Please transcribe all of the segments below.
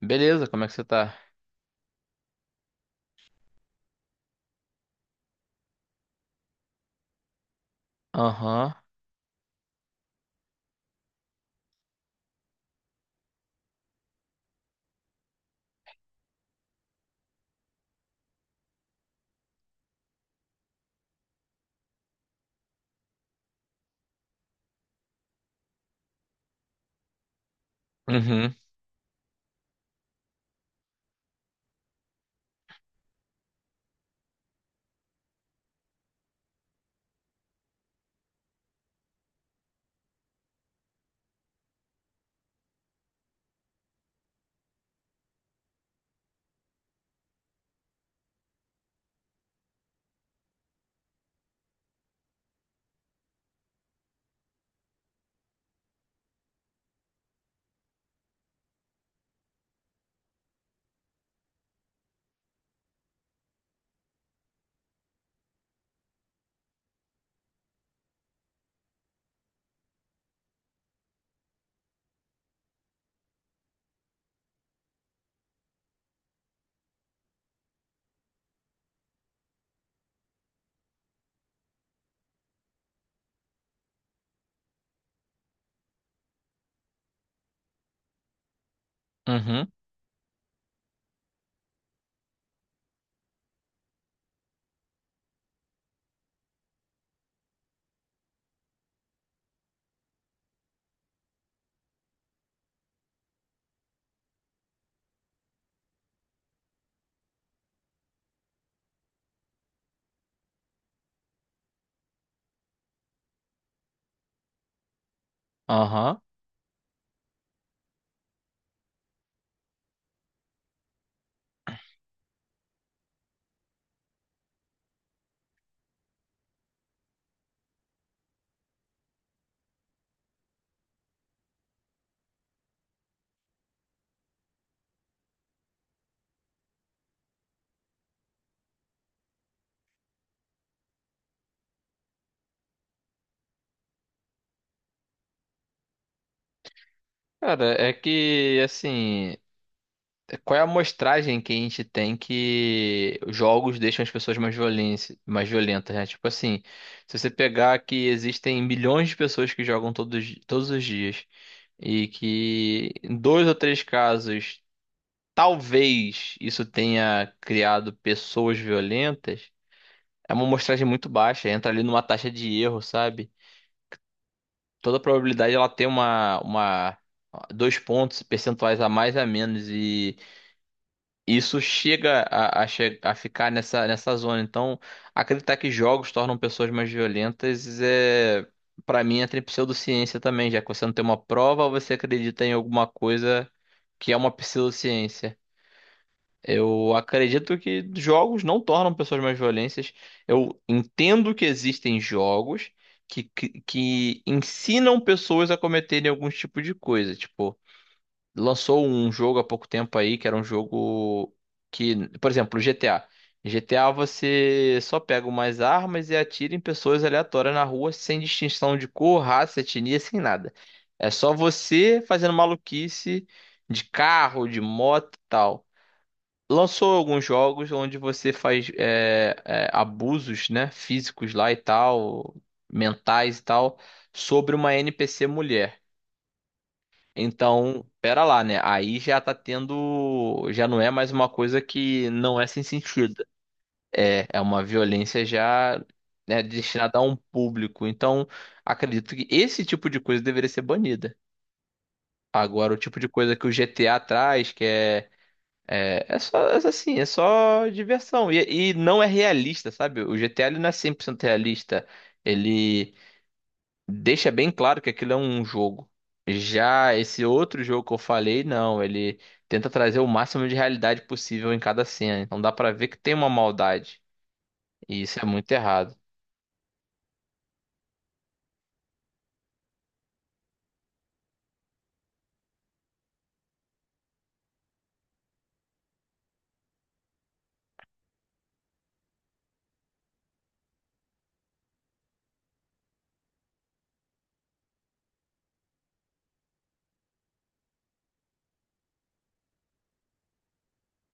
Beleza, como é que você tá? Aham. Uhum. Uhum. Aham. Cara, é que, assim, qual é a amostragem que a gente tem que jogos deixam as pessoas mais violência, mais violentas, né? Tipo assim, se você pegar que existem milhões de pessoas que jogam todos os dias e que em dois ou três casos talvez isso tenha criado pessoas violentas, é uma amostragem muito baixa, entra ali numa taxa de erro, sabe? Toda probabilidade ela tem uma dois pontos percentuais a mais a menos e isso chega a ficar nessa zona. Então, acreditar que jogos tornam pessoas mais violentas é para mim entra em pseudociência também, já que você não tem uma prova, você acredita em alguma coisa que é uma pseudociência. Eu acredito que jogos não tornam pessoas mais violentas. Eu entendo que existem jogos que ensinam pessoas a cometerem algum tipo de coisa. Tipo, lançou um jogo há pouco tempo aí que era um jogo que, por exemplo, GTA. GTA você só pega umas armas e atira em pessoas aleatórias na rua sem distinção de cor, raça, etnia, sem nada. É só você fazendo maluquice de carro, de moto e tal. Lançou alguns jogos onde você faz abusos, né, físicos lá e tal, mentais e tal, sobre uma NPC mulher. Então, pera lá, né? Aí já tá tendo, já não é mais uma coisa que não é sem sentido. É, é uma violência já, né, destinada a um público. Então, acredito que esse tipo de coisa deveria ser banida. Agora, o tipo de coisa que o GTA traz, que é é é só, é assim, é só diversão. E não é realista, sabe? O G GTA ele não é 100% realista. Ele deixa bem claro que aquilo é um jogo. Já esse outro jogo que eu falei, não. Ele tenta trazer o máximo de realidade possível em cada cena. Então dá pra ver que tem uma maldade. E isso é muito errado.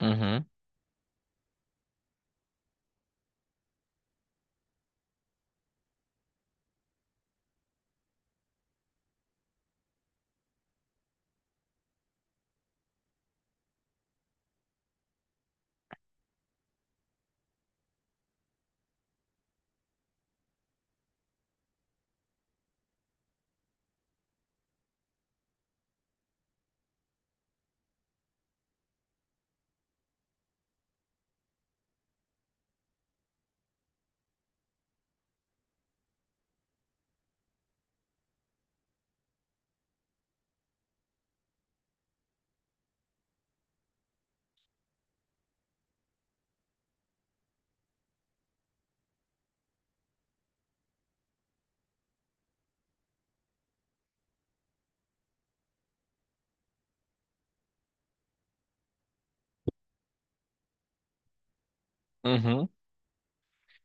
Uhum, uhum.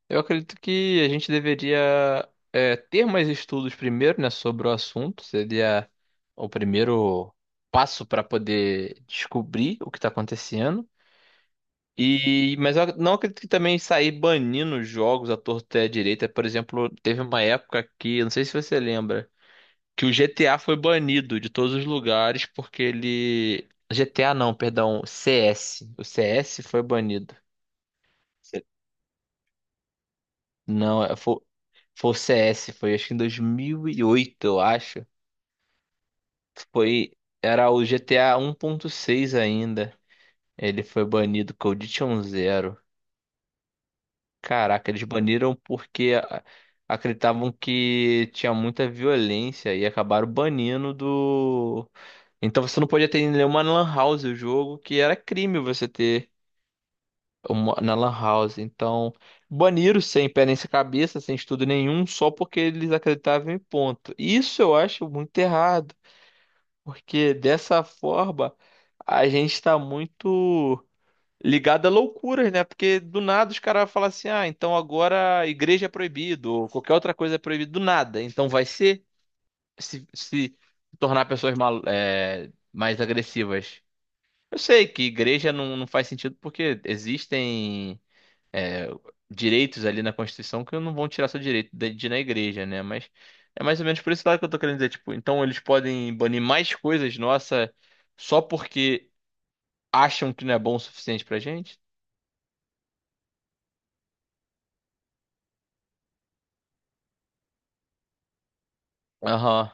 Eu acredito que a gente deveria é, ter mais estudos primeiro, né, sobre o assunto. Seria o primeiro passo para poder descobrir o que está acontecendo. E, mas eu não acredito que também sair banindo os jogos à torta e à direita. Por exemplo, teve uma época que, não sei se você lembra, que o GTA foi banido de todos os lugares porque ele... GTA não, perdão, CS. O CS foi banido. Não, é- foi, foi o CS, foi acho que em 2008, eu acho. Foi, era o GTA 6 ainda. Ele foi banido com Zero. Caraca, eles acreditavam que tinha muita violência e acabaram banindo do. Então você não podia ter em nenhuma lan house o jogo, que era crime você ter. Na Lan House. Então, baniram sem pé nem sem cabeça, sem estudo nenhum, só porque eles acreditavam em ponto. Isso eu acho muito errado, porque dessa forma a gente está muito ligado a loucuras, né? Porque do nada os caras falam assim: ah, então agora a igreja é proibido, ou qualquer outra coisa é proibido, do nada. Então vai ser se tornar pessoas mais agressivas. Eu sei que igreja não faz sentido porque existem direitos ali na Constituição que não vão tirar seu direito de ir na igreja, né? Mas é mais ou menos por esse lado que eu tô querendo dizer, tipo, então eles podem banir mais coisas, nossa, só porque acham que não é bom o suficiente pra gente? Aham,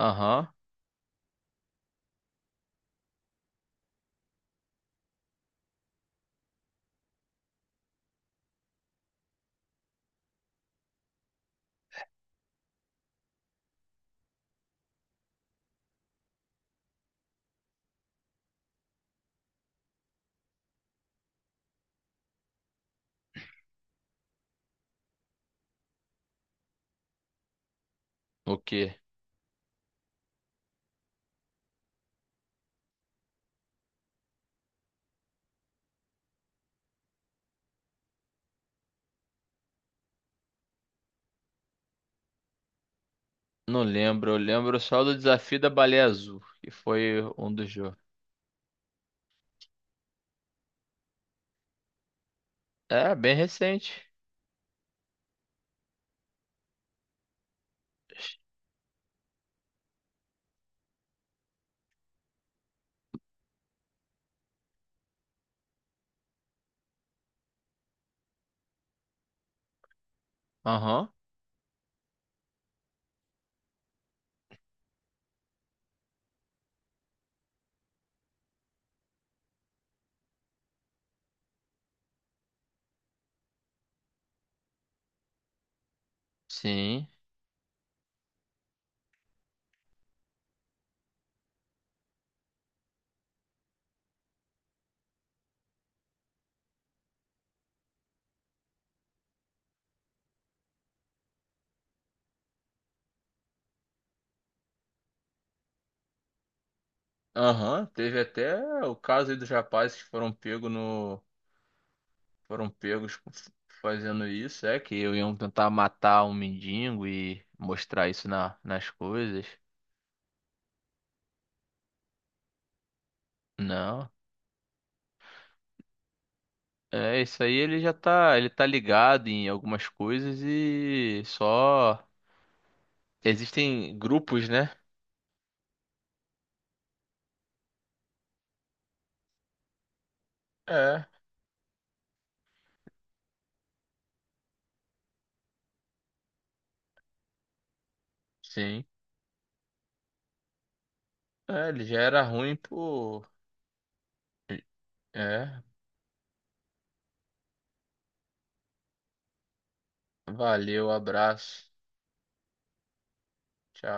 aham. O quê? Não lembro, eu lembro só do desafio da baleia azul, que foi um dos jogos. É, bem recente. Aham, sim. Aham, teve até o caso aí dos rapazes que foram pegos no foram pegos fazendo isso, é que eu iam tentar matar um mendigo e mostrar isso na, nas coisas. Não. É, isso aí ele já tá, ele tá ligado em algumas coisas e só existem grupos, né? É, sim. É, ele já era ruim por. É, valeu, abraço. Tchau.